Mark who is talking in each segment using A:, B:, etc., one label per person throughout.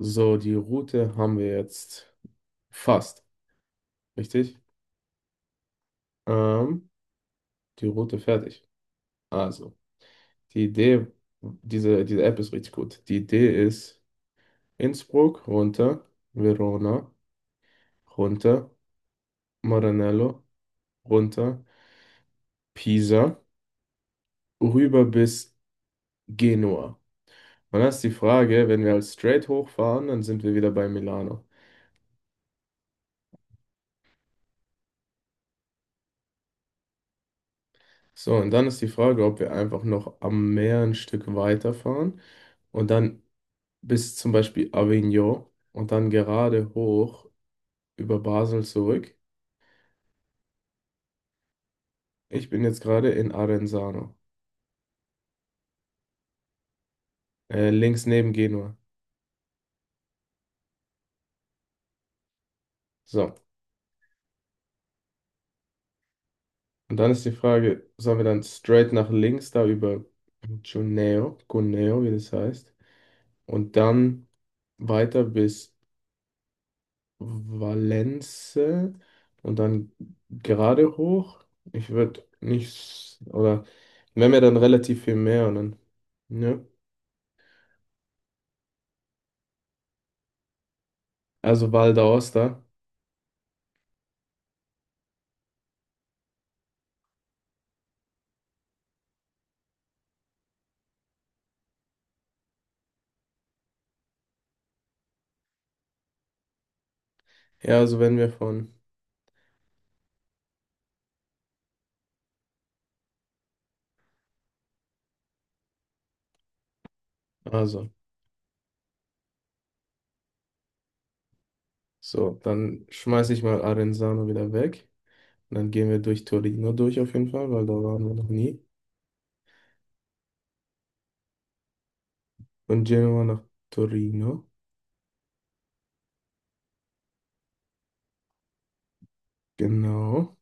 A: So, die Route haben wir jetzt fast, richtig? Ähm, Die Route fertig. Also, die Idee, diese App ist richtig gut. Die Idee ist Innsbruck runter, Verona runter, Maranello runter, Pisa, rüber bis Genua. Und dann ist die Frage, wenn wir als straight hochfahren, dann sind wir wieder bei Milano. So, und dann ist die Frage, ob wir einfach noch am Meer ein Stück weiterfahren und dann bis zum Beispiel Avignon und dann gerade hoch über Basel zurück. Ich bin jetzt gerade in Arenzano, links neben Genua. So, und dann ist die Frage, sollen wir dann straight nach links da über Cuneo, Cuneo, wie das heißt, und dann weiter bis Valence und dann gerade hoch? Ich würde nicht, oder wir haben ja dann relativ viel mehr und dann, ne? Also Val d'Aosta. Ja, also wenn wir von, also, so, dann schmeiße ich mal Arenzano wieder weg. Und dann gehen wir durch Torino durch auf jeden Fall, weil da waren wir noch nie. Von Genua nach Torino. Genau.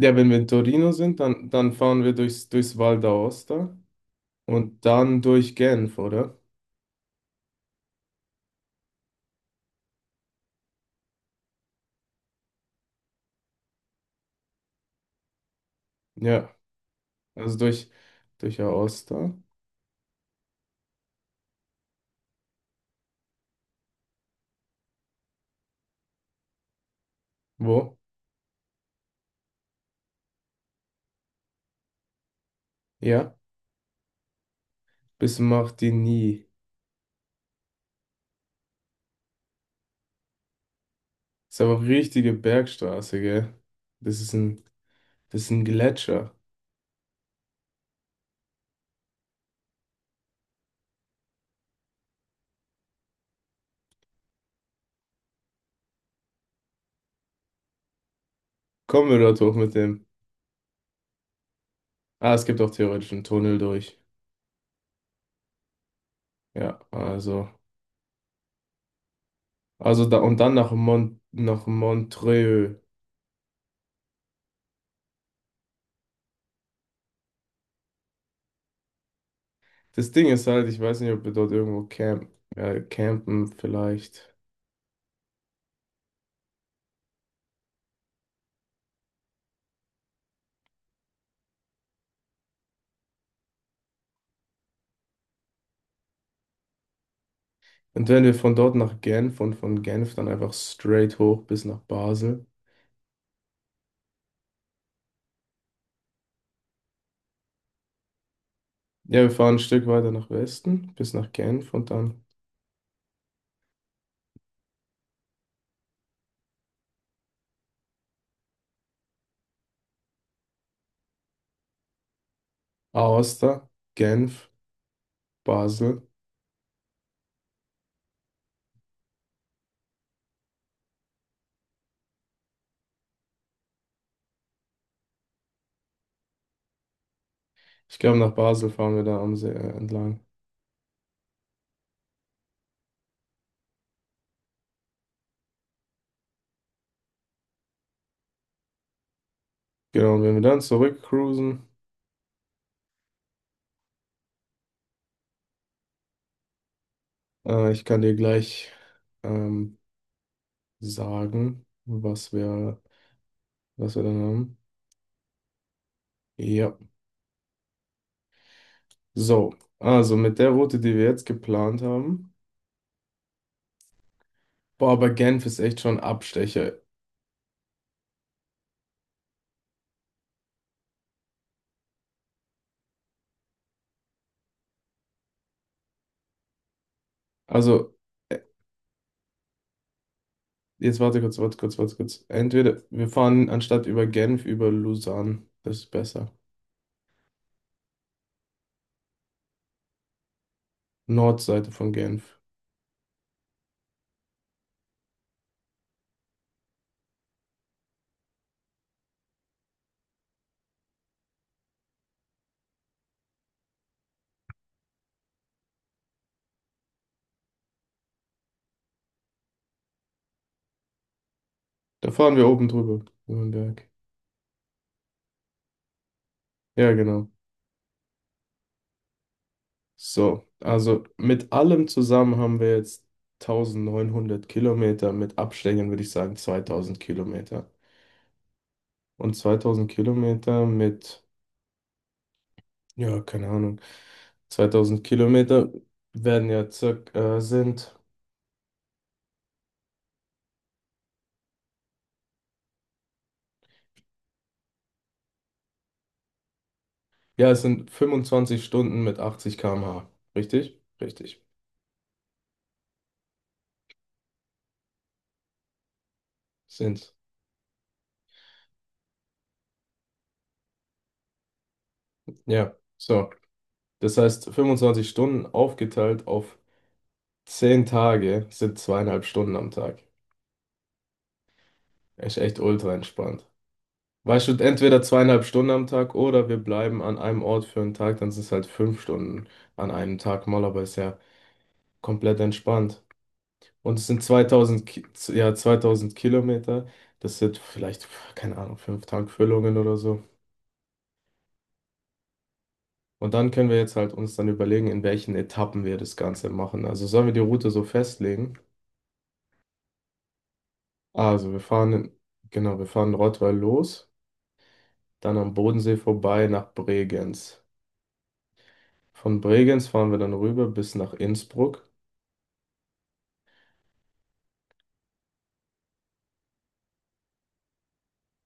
A: Ja, wenn wir in Torino sind, dann fahren wir durchs Val d'Aosta und dann durch Genf, oder? Ja, also durch Aosta. Wo? Ja, bis Martigny. Ist aber richtige Bergstraße, gell? Das ist ein, das ist ein Gletscher. Kommen wir dort hoch mit dem. Ah, es gibt auch theoretisch einen Tunnel durch. Ja, also. Also da und dann nach Montreux. Das Ding ist halt, ich weiß nicht, ob wir dort irgendwo campen vielleicht. Und wenn wir von dort nach Genf und von Genf dann einfach straight hoch bis nach Basel. Ja, wir fahren ein Stück weiter nach Westen bis nach Genf und dann Aosta, Genf, Basel. Ich glaube, nach Basel fahren wir da am See entlang. Genau, und wenn wir dann zurückcruisen, ich kann dir gleich ähm, sagen, was wir dann haben. Ja, so. Also mit der Route, die wir jetzt geplant haben. Boah, aber Genf ist echt schon ein Abstecher. Also, äh, jetzt warte kurz, warte kurz, warte kurz. Entweder wir fahren anstatt über Genf über Lausanne. Das ist besser. Nordseite von Genf. Da fahren wir oben drüber, über den Berg. Ja, genau. So, also mit allem zusammen haben wir jetzt 1900 Kilometer, mit Abständen würde ich sagen 2000 Kilometer. Und 2000 Kilometer mit, ja, keine Ahnung, 2000 Kilometer werden ja circa, sind, ja, es sind 25 Stunden mit 80 km/h. Richtig? Richtig. Sind. Ja, so. Das heißt, 25 Stunden aufgeteilt auf 10 Tage sind 2,5 Stunden am Tag. Ist echt ultra entspannt. Weißt du, entweder 2,5 Stunden am Tag oder wir bleiben an einem Ort für einen Tag, dann sind es halt 5 Stunden an einem Tag mal, aber ist ja komplett entspannt. Und es sind 2000 2000 Kilometer, das sind vielleicht, keine Ahnung, fünf Tankfüllungen oder so. Und dann können wir jetzt halt uns dann überlegen, in welchen Etappen wir das Ganze machen. Also sollen wir die Route so festlegen? Also genau, wir fahren in Rottweil los, dann am Bodensee vorbei nach Bregenz. Von Bregenz fahren wir dann rüber bis nach Innsbruck.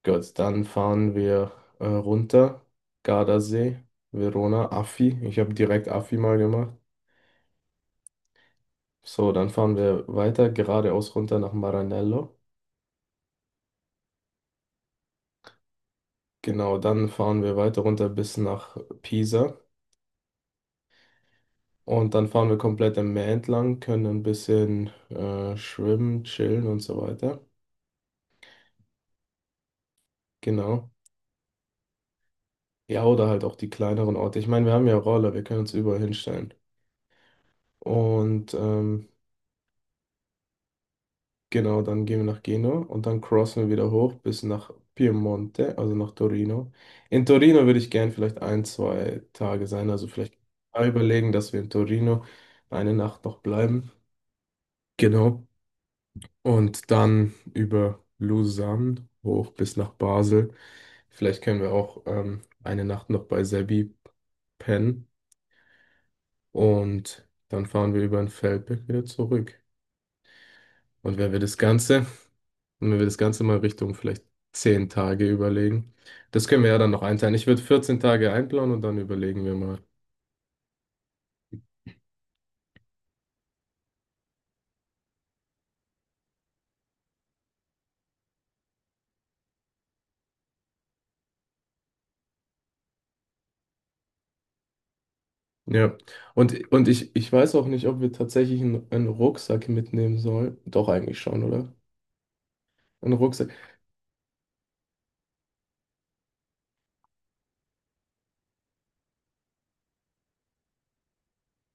A: Gut, dann fahren wir runter. Gardasee, Verona, Affi. Ich habe direkt Affi mal gemacht. So, dann fahren wir weiter geradeaus runter nach Maranello. Genau, dann fahren wir weiter runter bis nach Pisa. Und dann fahren wir komplett am Meer entlang, können ein bisschen schwimmen, chillen und so weiter. Genau. Ja, oder halt auch die kleineren Orte. Ich meine, wir haben ja Roller, wir können uns überall hinstellen. Und genau, dann gehen wir nach Genua und dann crossen wir wieder hoch bis nach Piemonte, also nach Torino. In Torino würde ich gern vielleicht ein, zwei Tage sein, also vielleicht überlegen, dass wir in Torino eine Nacht noch bleiben. Genau. Und dann über Lausanne hoch bis nach Basel. Vielleicht können wir auch eine Nacht noch bei Sebi pennen und dann fahren wir über den Feldberg wieder zurück. Und wenn wir das Ganze Und wenn wir das Ganze mal Richtung vielleicht 10 Tage überlegen. Das können wir ja dann noch einteilen. Ich würde 14 Tage einplanen und dann überlegen wir mal. Ja. Und ich weiß auch nicht, ob wir tatsächlich einen Rucksack mitnehmen sollen. Doch, eigentlich schon, oder? Einen Rucksack.